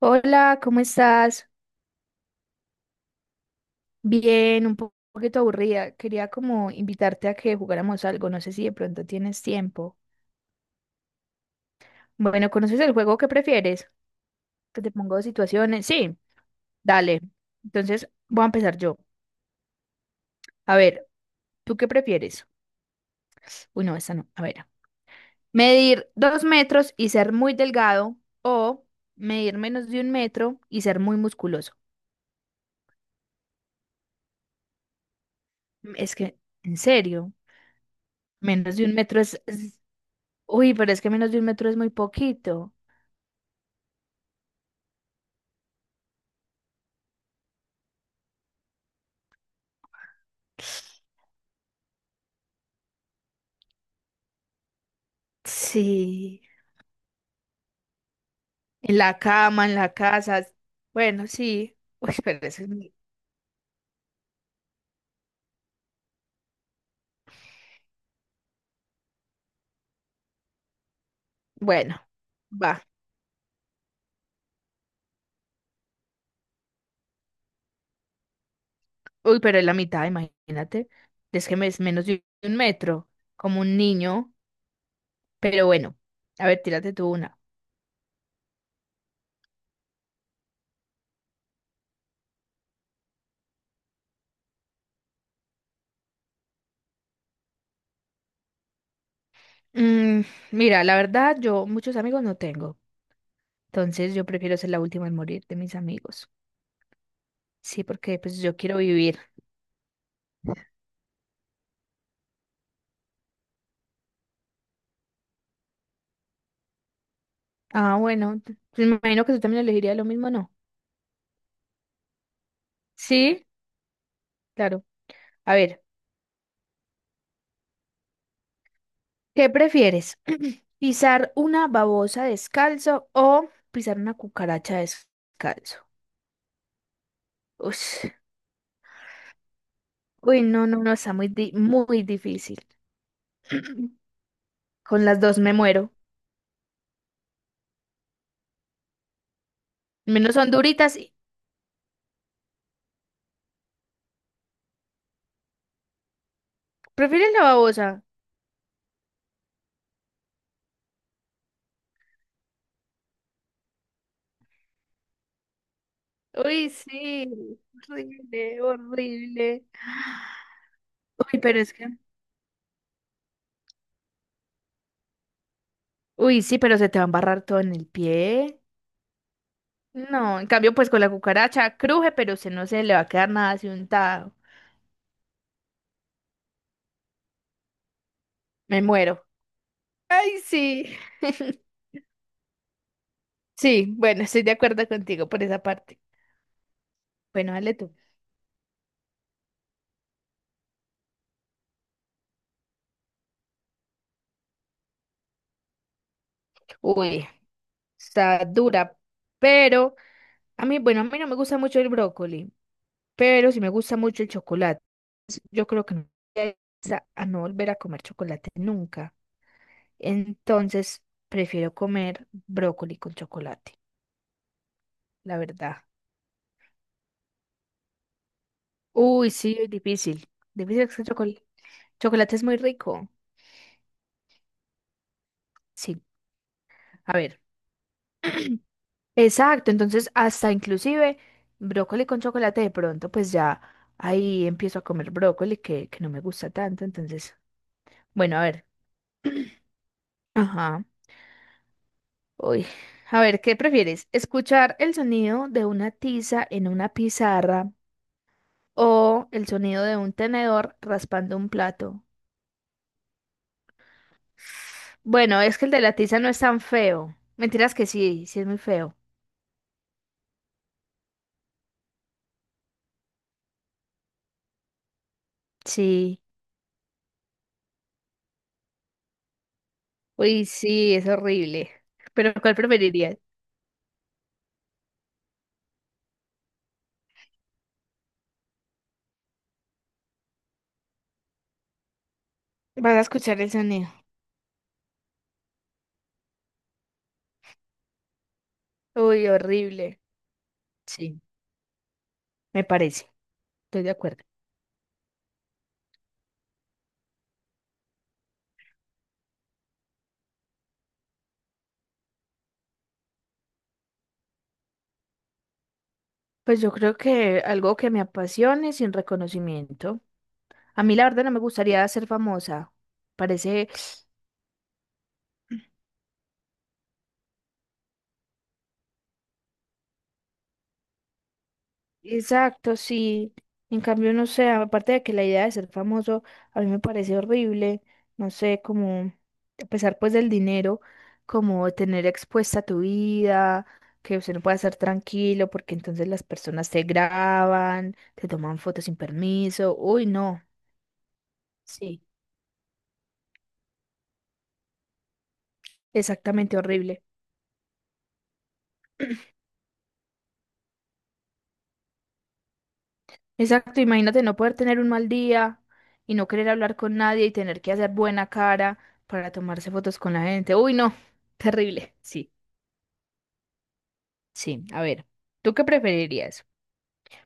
Hola, ¿cómo estás? Bien, un poquito aburrida. Quería como invitarte a que jugáramos algo. No sé si de pronto tienes tiempo. Bueno, ¿conoces el juego que prefieres? Que te pongo situaciones. Sí, dale. Entonces voy a empezar yo. A ver, ¿tú qué prefieres? Uy, no, esta no. A ver. Medir 2 metros y ser muy delgado o medir menos de 1 metro y ser muy musculoso. Es que, en serio, menos de 1 metro es. Uy, pero es que menos de 1 metro es muy poquito. Sí, en la cama, en la casa. Bueno, sí. Uy, pero eso es. Bueno, va. Uy, pero es la mitad, imagínate. Es menos de 1 metro, como un niño. Pero bueno, a ver, tírate tú una. Mm, mira, la verdad, yo muchos amigos no tengo. Entonces yo prefiero ser la última en morir de mis amigos. Sí, porque pues yo quiero vivir. Ah, bueno, me imagino que tú también elegirías lo mismo, ¿no? Sí, claro. A ver. ¿Qué prefieres? ¿Pisar una babosa descalzo o pisar una cucaracha descalzo? Ush. Uy, no, no, no, está muy difícil. Con las dos me muero. Menos son duritas. ¿Prefieres la babosa? Uy, sí. Horrible, horrible. Uy, pero es que. Uy, sí, pero se te va a embarrar todo en el pie. No, en cambio, pues con la cucaracha cruje, pero se no se le va a quedar nada así untado. Me muero. Ay, sí. Sí, bueno, estoy de acuerdo contigo por esa parte. Bueno, dale tú. Uy, está dura, pero a mí, bueno, a mí no me gusta mucho el brócoli, pero sí me gusta mucho el chocolate. Yo creo que no voy a no volver a comer chocolate nunca. Entonces, prefiero comer brócoli con chocolate, la verdad. Uy, sí, es difícil. Difícil es que el chocolate. Chocolate es muy rico. Sí, a ver. Exacto, entonces hasta inclusive brócoli con chocolate de pronto, pues ya ahí empiezo a comer brócoli que no me gusta tanto, entonces, bueno, a ver, ajá, uy, a ver, ¿qué prefieres? ¿Escuchar el sonido de una tiza en una pizarra o el sonido de un tenedor raspando un plato? Bueno, es que el de la tiza no es tan feo, mentiras que sí, sí es muy feo, sí, uy, sí, es horrible, pero ¿cuál preferirías? Vas a escuchar el sonido, uy, horrible. Sí, me parece, estoy de acuerdo. Pues yo creo que algo que me apasione sin reconocimiento. A mí la verdad no me gustaría ser famosa. Parece exacto, sí. En cambio, no sé, aparte de que la idea de ser famoso a mí me parece horrible, no sé, como, a pesar pues del dinero, como tener expuesta tu vida, que usted no pueda estar tranquilo porque entonces las personas te graban, te toman fotos sin permiso. Uy, no, sí, exactamente horrible. Exacto, imagínate no poder tener un mal día y no querer hablar con nadie y tener que hacer buena cara para tomarse fotos con la gente. Uy, no, terrible. Sí, sí. A ver, ¿tú qué preferirías?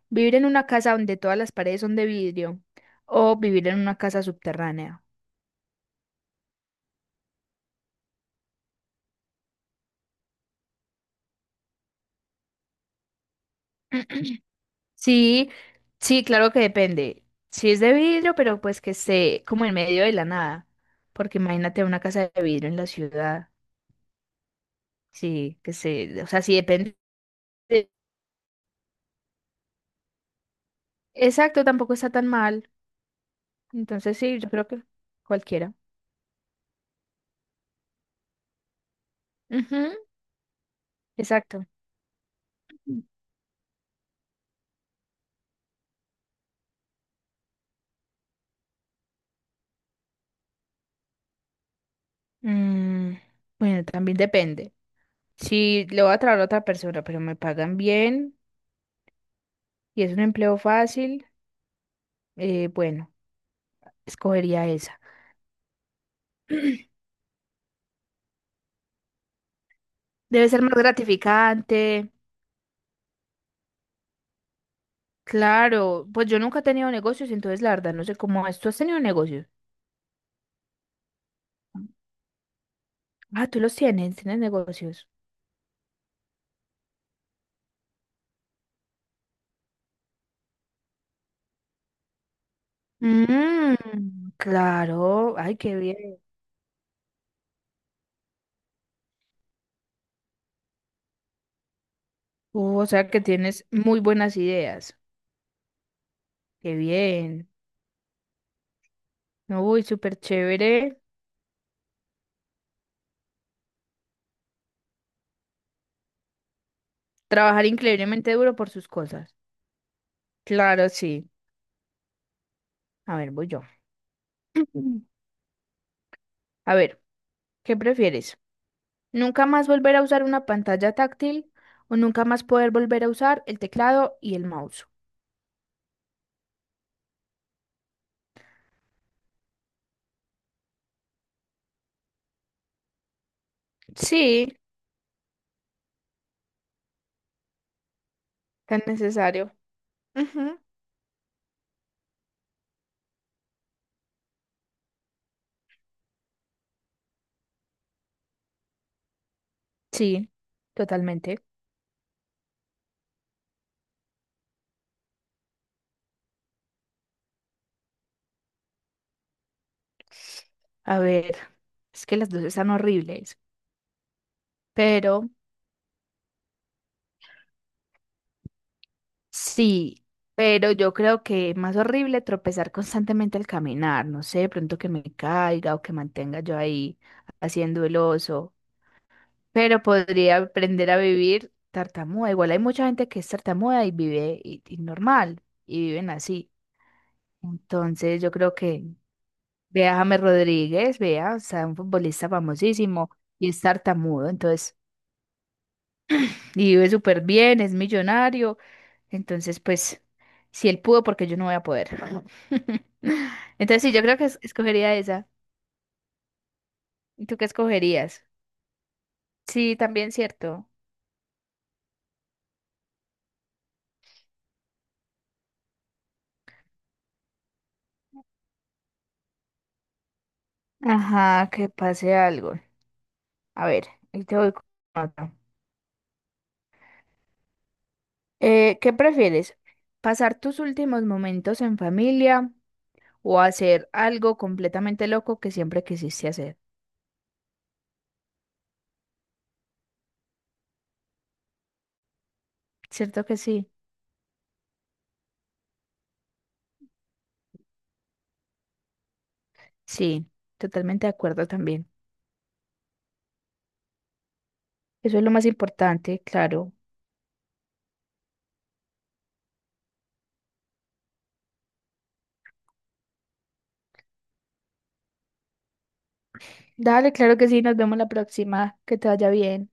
¿Vivir en una casa donde todas las paredes son de vidrio o vivir en una casa subterránea? Sí, sí, claro que depende. Si es de vidrio, pero pues que esté como en medio de la nada, porque imagínate una casa de vidrio en la ciudad. Sí, que se, o sea, sí depende. Exacto, tampoco está tan mal. Entonces sí, yo creo que cualquiera. Ujú. Exacto. Mm, bueno, también depende. Si le voy a traer a otra persona, pero me pagan bien y es un empleo fácil, bueno, escogería esa. Debe ser más gratificante. Claro, pues yo nunca he tenido negocios, entonces la verdad no sé cómo es. ¿Tú has tenido negocios? Ah, tú los tienes, tienes negocios. Mm, claro, ay, qué bien. O sea que tienes muy buenas ideas. Qué bien. Uy, súper chévere. Trabajar increíblemente duro por sus cosas. Claro, sí. A ver, voy yo. A ver, ¿qué prefieres? ¿Nunca más volver a usar una pantalla táctil o nunca más poder volver a usar el teclado y el mouse? Sí, tan necesario. Ujú. Sí, totalmente. A ver, es que las dos están horribles, pero sí, pero yo creo que es más horrible tropezar constantemente al caminar, no sé, de pronto que me caiga o que mantenga yo ahí haciendo el oso, pero podría aprender a vivir tartamuda. Igual hay mucha gente que es tartamuda y vive y normal y viven así. Entonces yo creo que vea a James Rodríguez, vea, o sea, un futbolista famosísimo y es tartamudo, entonces, y vive súper bien, es millonario, entonces pues si él pudo, porque yo no voy a poder. Entonces sí, yo creo que escogería esa. ¿Y tú qué escogerías? Sí, también cierto. Ajá, que pase algo. A ver, ahí te voy con otra. ¿Qué prefieres? ¿Pasar tus últimos momentos en familia o hacer algo completamente loco que siempre quisiste hacer? ¿Cierto que sí? Sí, totalmente de acuerdo también. Eso es lo más importante, claro. Dale, claro que sí, nos vemos la próxima. Que te vaya bien.